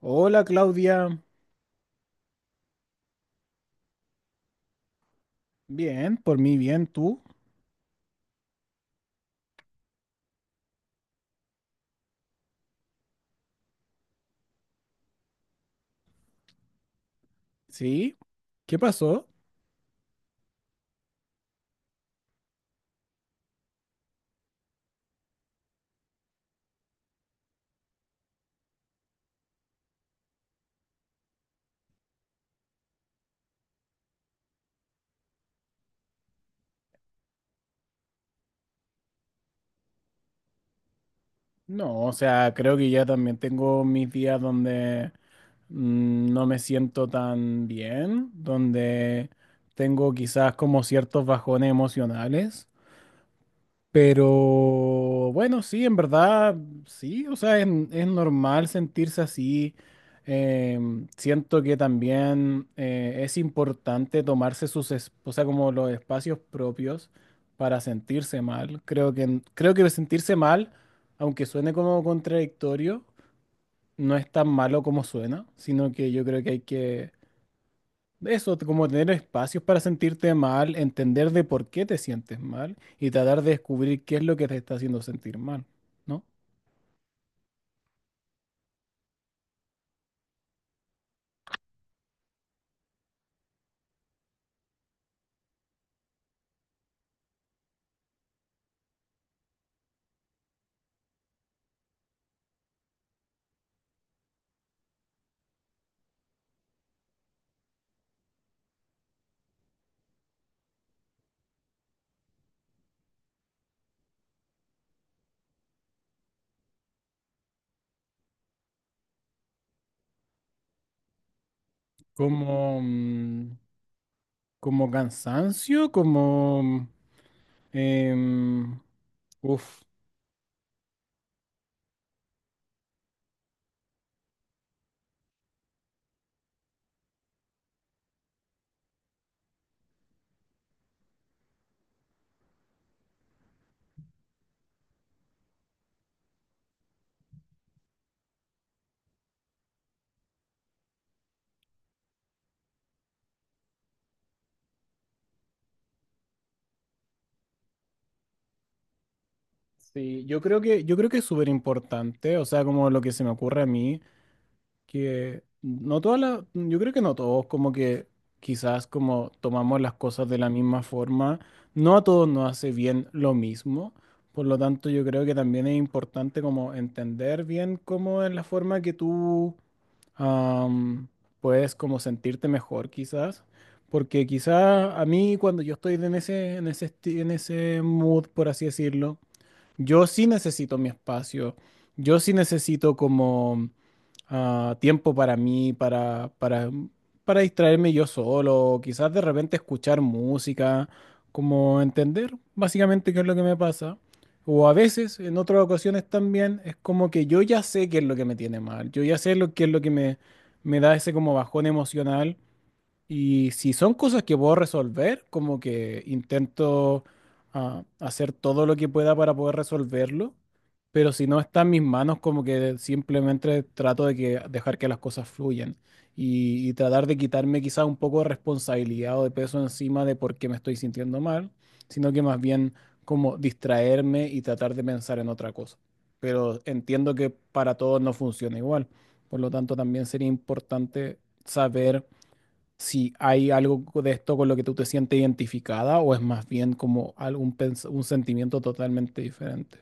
Hola Claudia, bien, por mí bien, ¿tú? ¿Sí? ¿Qué pasó? No, o sea, creo que ya también tengo mis días donde no me siento tan bien, donde tengo quizás como ciertos bajones emocionales. Pero bueno, sí, en verdad, sí, o sea, es normal sentirse así. Siento que también es importante tomarse sus, o sea, como los espacios propios para sentirse mal. Creo que sentirse mal, aunque suene como contradictorio, no es tan malo como suena, sino que yo creo que hay que eso, como tener espacios para sentirte mal, entender de por qué te sientes mal y tratar de descubrir qué es lo que te está haciendo sentir mal, ¿no? Como, mm, como cansancio, como em, uf, sí, yo creo que es súper importante, o sea, como lo que se me ocurre a mí. Que no todas las, yo creo que no todos, como que quizás como tomamos las cosas de la misma forma, no a todos nos hace bien lo mismo. Por lo tanto, yo creo que también es importante como entender bien cómo es la forma que tú am, puedes como sentirte mejor quizás. Porque quizás a mí cuando yo estoy en ese mood, por así decirlo, yo sí necesito mi espacio, yo sí necesito como tiempo para mí, para distraerme yo solo, quizás de repente escuchar música, como entender básicamente qué es lo que me pasa. O a veces, en otras ocasiones también, es como que yo ya sé qué es lo que me tiene mal, yo ya sé lo, qué es lo que me da ese como bajón emocional y si son cosas que puedo resolver, como que intento hacer todo lo que pueda para poder resolverlo, pero si no está en mis manos, como que simplemente trato de que, dejar que las cosas fluyan y tratar de quitarme quizás un poco de responsabilidad o de peso encima de por qué me estoy sintiendo mal, sino que más bien como distraerme y tratar de pensar en otra cosa. Pero entiendo que para todos no funciona igual, por lo tanto también sería importante saber si hay algo de esto con lo que tú te sientes identificada o es más bien como algún un sentimiento totalmente diferente.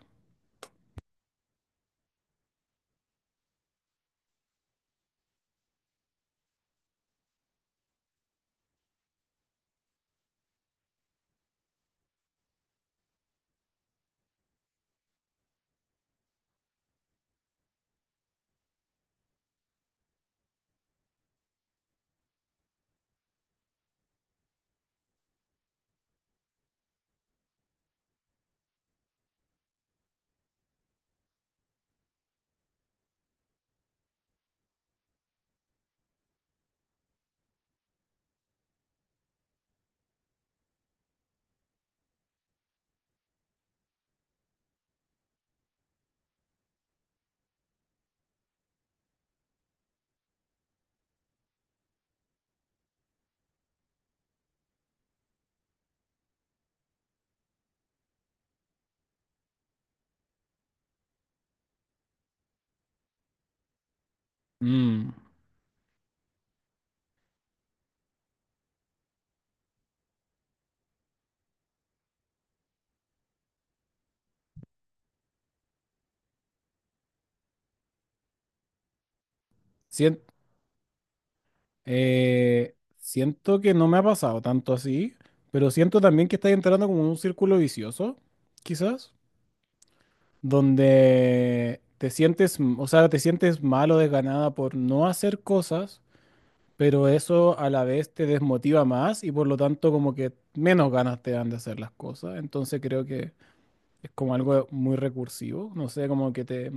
Mm. Sien- Siento que no me ha pasado tanto así, pero siento también que estás entrando como en un círculo vicioso, quizás, donde te sientes, o sea, te sientes mal o desganada por no hacer cosas, pero eso a la vez te desmotiva más y por lo tanto como que menos ganas te dan de hacer las cosas. Entonces creo que es como algo muy recursivo, no sé, como que te...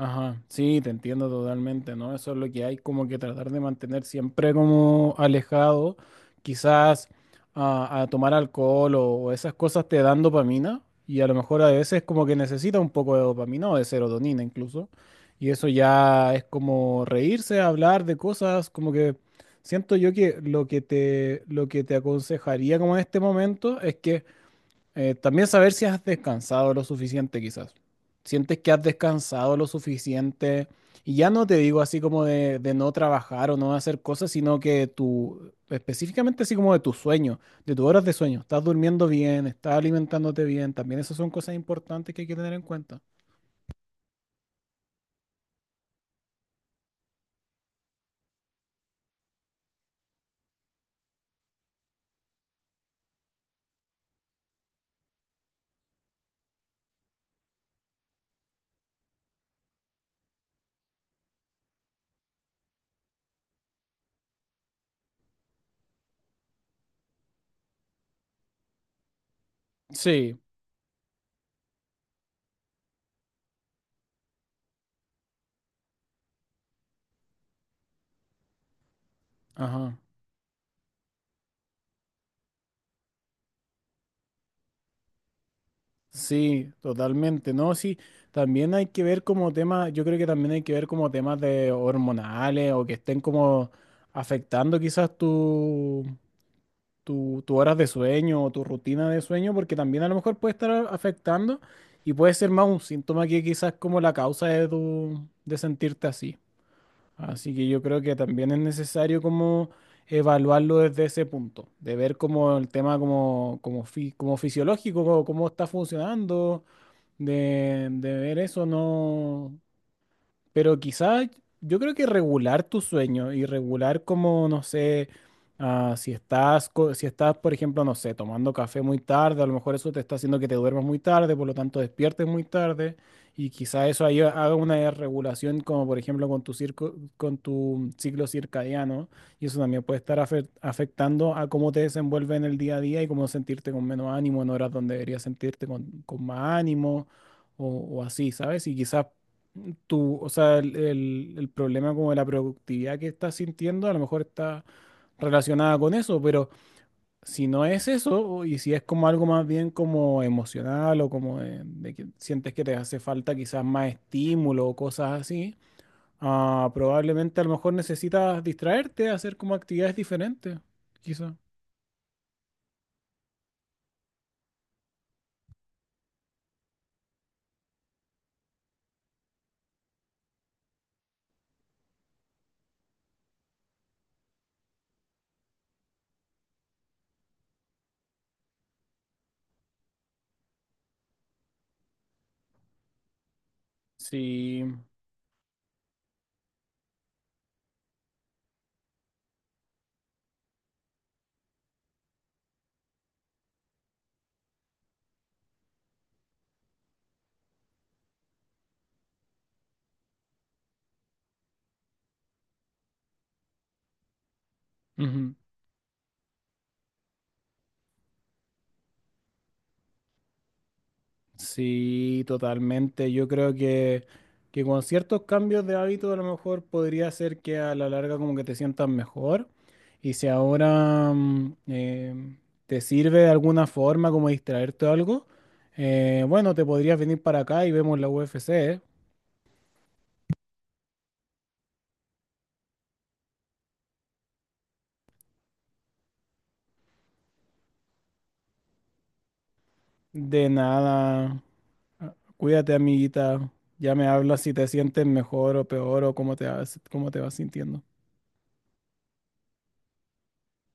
Ajá, sí, te entiendo totalmente, ¿no? Eso es lo que hay, como que tratar de mantener siempre como alejado, quizás a tomar alcohol o esas cosas te dan dopamina y a lo mejor a veces como que necesita un poco de dopamina o de serotonina incluso, y eso ya es como reírse, hablar de cosas, como que siento yo que lo que te aconsejaría como en este momento es que también saber si has descansado lo suficiente, quizás. Sientes que has descansado lo suficiente. Y ya no te digo así como de no trabajar o no hacer cosas, sino que tu, específicamente así como de tu sueño, de tus horas de sueño. Estás durmiendo bien, estás alimentándote bien. También esas son cosas importantes que hay que tener en cuenta. Sí, ajá. Sí, totalmente. No, sí, también hay que ver como temas, yo creo que también hay que ver como temas de hormonales o que estén como afectando quizás tu, tu horas de sueño o tu rutina de sueño, porque también a lo mejor puede estar afectando y puede ser más un síntoma que quizás como la causa de tu, de sentirte así. Así que yo creo que también es necesario como evaluarlo desde ese punto, de ver como el tema como fisiológico, cómo está funcionando, de ver eso, no, pero quizás yo creo que regular tu sueño y regular como, no sé, si estás, si estás, por ejemplo, no sé, tomando café muy tarde, a lo mejor eso te está haciendo que te duermas muy tarde, por lo tanto despiertes muy tarde y quizás eso ahí haga una regulación como, por ejemplo, con tu circo, con tu ciclo circadiano y eso también puede estar afectando a cómo te desenvuelves en el día a día y cómo sentirte con menos ánimo en horas donde deberías sentirte con más ánimo o, o así, ¿sabes? Y quizás tu, o sea, el problema como de la productividad que estás sintiendo, a lo mejor está relacionada con eso, pero si no es eso, o- y si es como algo más bien como emocional o como de que sientes que te hace falta quizás más estímulo o cosas así, probablemente a lo mejor necesitas distraerte, hacer como actividades diferentes, quizás. Sí. Ujú. Sí, totalmente. Que con ciertos cambios de hábito a lo mejor podría ser que a la larga como que te sientas mejor. Y si ahora te sirve de alguna forma como distraerte o algo, bueno, te podrías venir para acá y vemos la UFC, ¿eh? De nada. Ah, cuídate, amiguita. Ya me hablas si te sientes mejor o peor o cómo te vas sintiendo.